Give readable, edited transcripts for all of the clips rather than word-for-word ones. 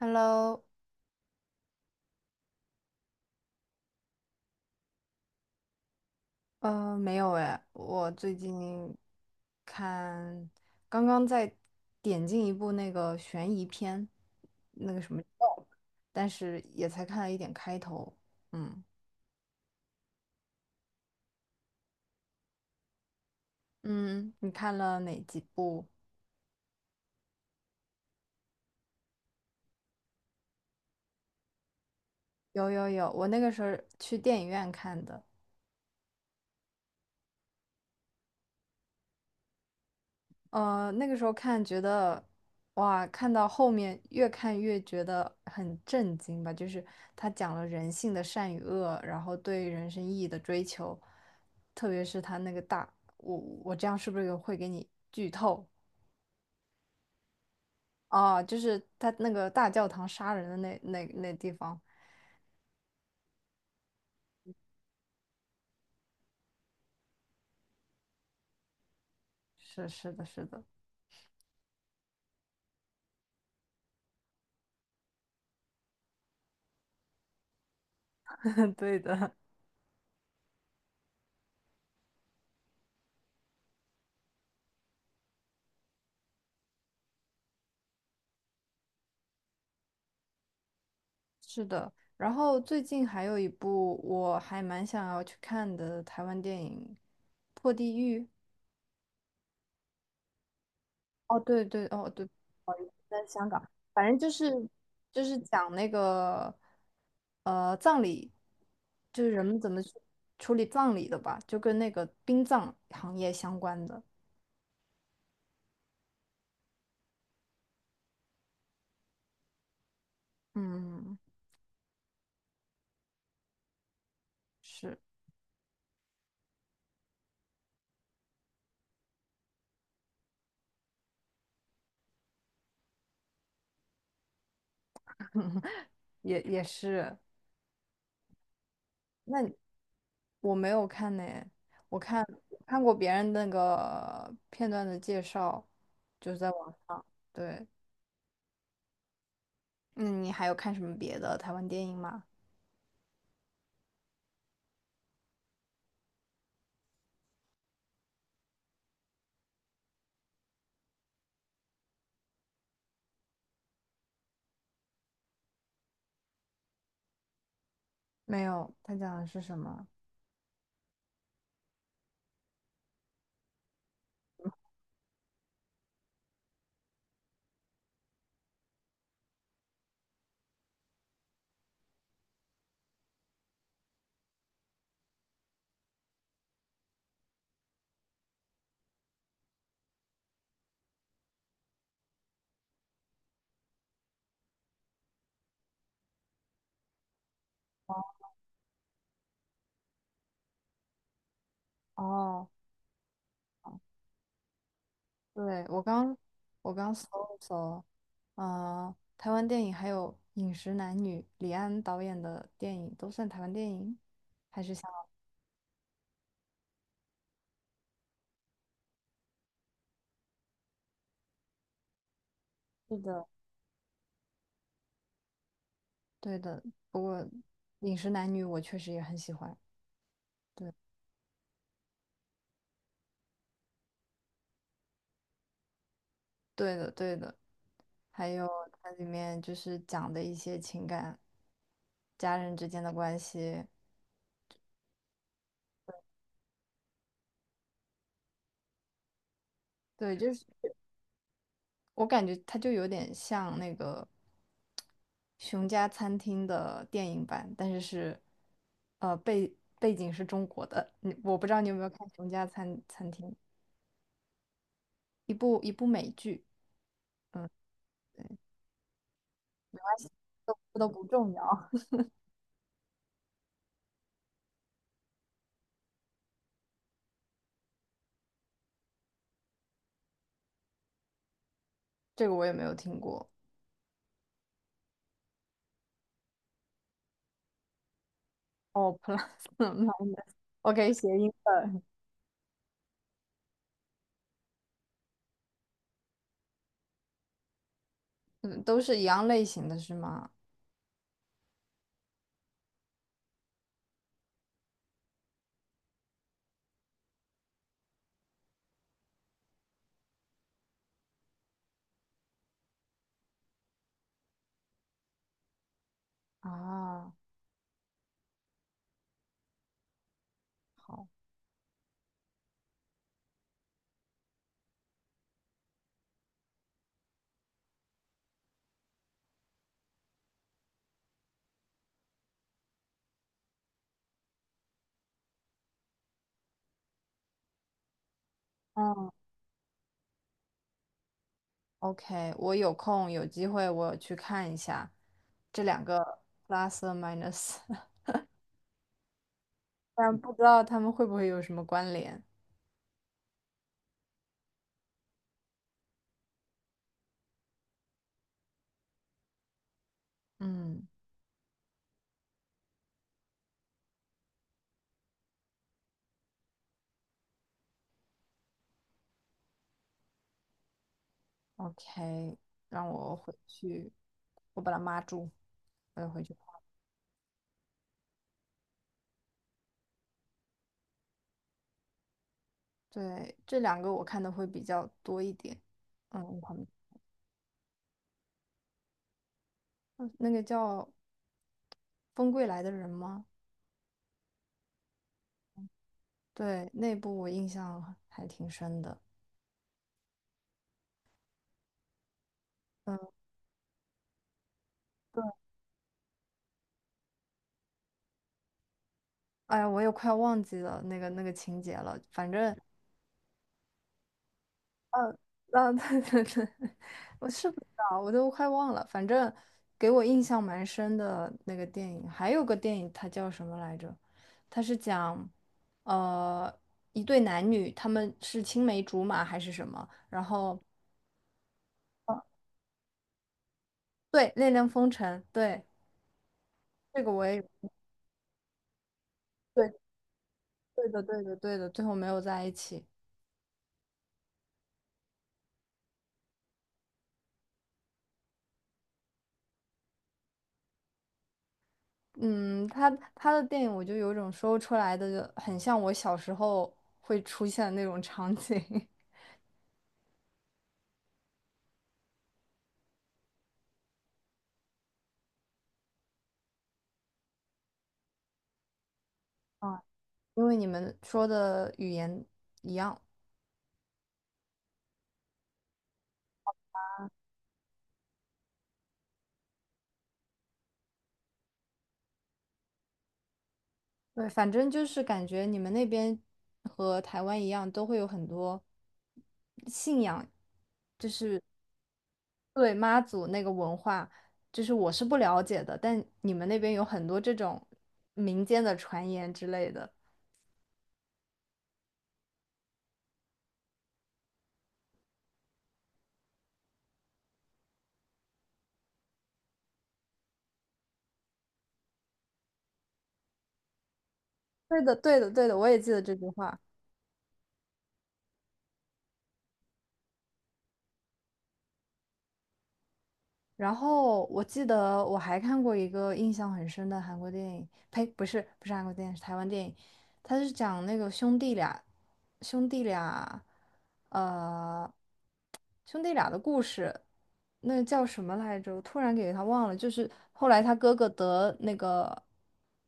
Hello，没有哎，我最近看，刚刚在点进一部那个悬疑片，那个什么，但是也才看了一点开头。嗯嗯，你看了哪几部？有有有，我那个时候去电影院看的。那个时候看觉得，哇，看到后面越看越觉得很震惊吧，就是他讲了人性的善与恶，然后对人生意义的追求，特别是他那个大，我我这样是不是有会给你剧透啊？就是他那个大教堂杀人的那地方，是的，是的，对的，是的。然后最近还有一部我还蛮想要去看的台湾电影《破地狱》。哦，对对，哦对，不好意思在香港，反正就是讲那个葬礼，就是人们怎么去处理葬礼的吧，就跟那个殡葬行业相关的。嗯，是，也是。那你我没有看呢，我看看过别人那个片段的介绍，就是在网上。对，那你还有看什么别的台湾电影吗？没有，他讲的是什么？哦。对，我刚搜了搜，台湾电影还有《饮食男女》，李安导演的电影都算台湾电影，还是香港？是的，对的。不过《饮食男女》我确实也很喜欢。对，对的，对的。还有它里面就是讲的一些情感、家人之间的关系，对，就是。我感觉它就有点像那个《熊家餐厅》的电影版，但是背景是中国的。我不知道你有没有看《熊家餐厅》，一部美剧，对，都不重要。这个我也没有听过。哦，plus minus，OK，谐音梗，嗯，都是一样类型的是吗？啊，好，嗯 OK，我有空有机会我去看一下这两个 plus or minus，但不知道他们会不会有什么关联。嗯，OK，让我回去，我把它码住，我要回去看对，这两个我看的会比较多一点。嗯，旁边嗯那个叫《风归来的人》吗？对，那部我印象还挺深的。嗯，对，哎呀，我也快忘记了那个情节了。反正啊，对 对对，我是不知道，我都快忘了。反正给我印象蛮深的那个电影，还有个电影，它叫什么来着？它是讲，呃，一对男女，他们是青梅竹马还是什么？然后，哦对，《恋恋风尘》，对，这个我也有，对，对的，对的，对的，最后没有在一起。嗯，他的电影，我就有种说不出来的，很像我小时候会出现的那种场景。啊。因为你们说的语言一样，对，反正就是感觉你们那边和台湾一样，都会有很多信仰，对，妈祖那个文化，就是我是不了解的，但你们那边有很多这种民间的传言之类的。对的，对的，对的，我也记得这句话。然后我记得我还看过一个印象很深的韩国电影，呸，不是不是韩国电影，是台湾电影，他是讲那个兄弟俩，呃，兄弟俩的故事，那个叫什么来着？我突然给他忘了，就是后来他哥哥得那个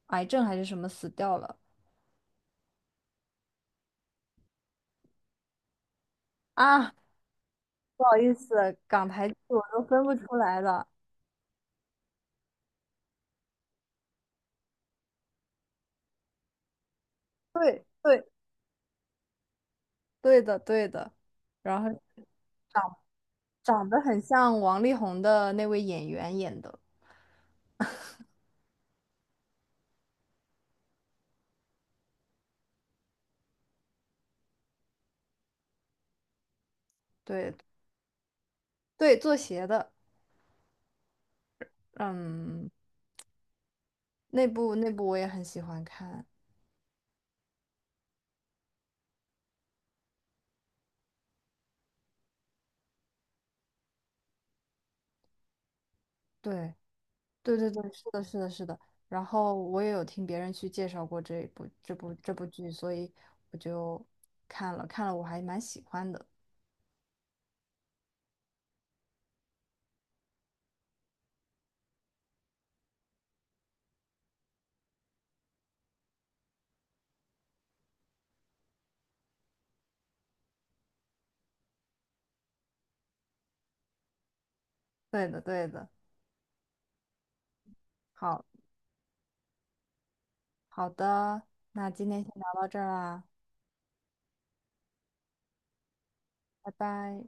癌症还是什么死掉了啊，不好意思，港台剧我都分不出来了。对对对的对的，然后。长得很像王力宏的那位演员演的，对对，做鞋的，嗯，那部我也很喜欢看，对对对对，是的，是的，是的。然后我也有听别人去介绍过这一部这部这部剧，所以我就看了，我还蛮喜欢的。对的，对的，好好的，那今天先聊到这儿啦，拜拜。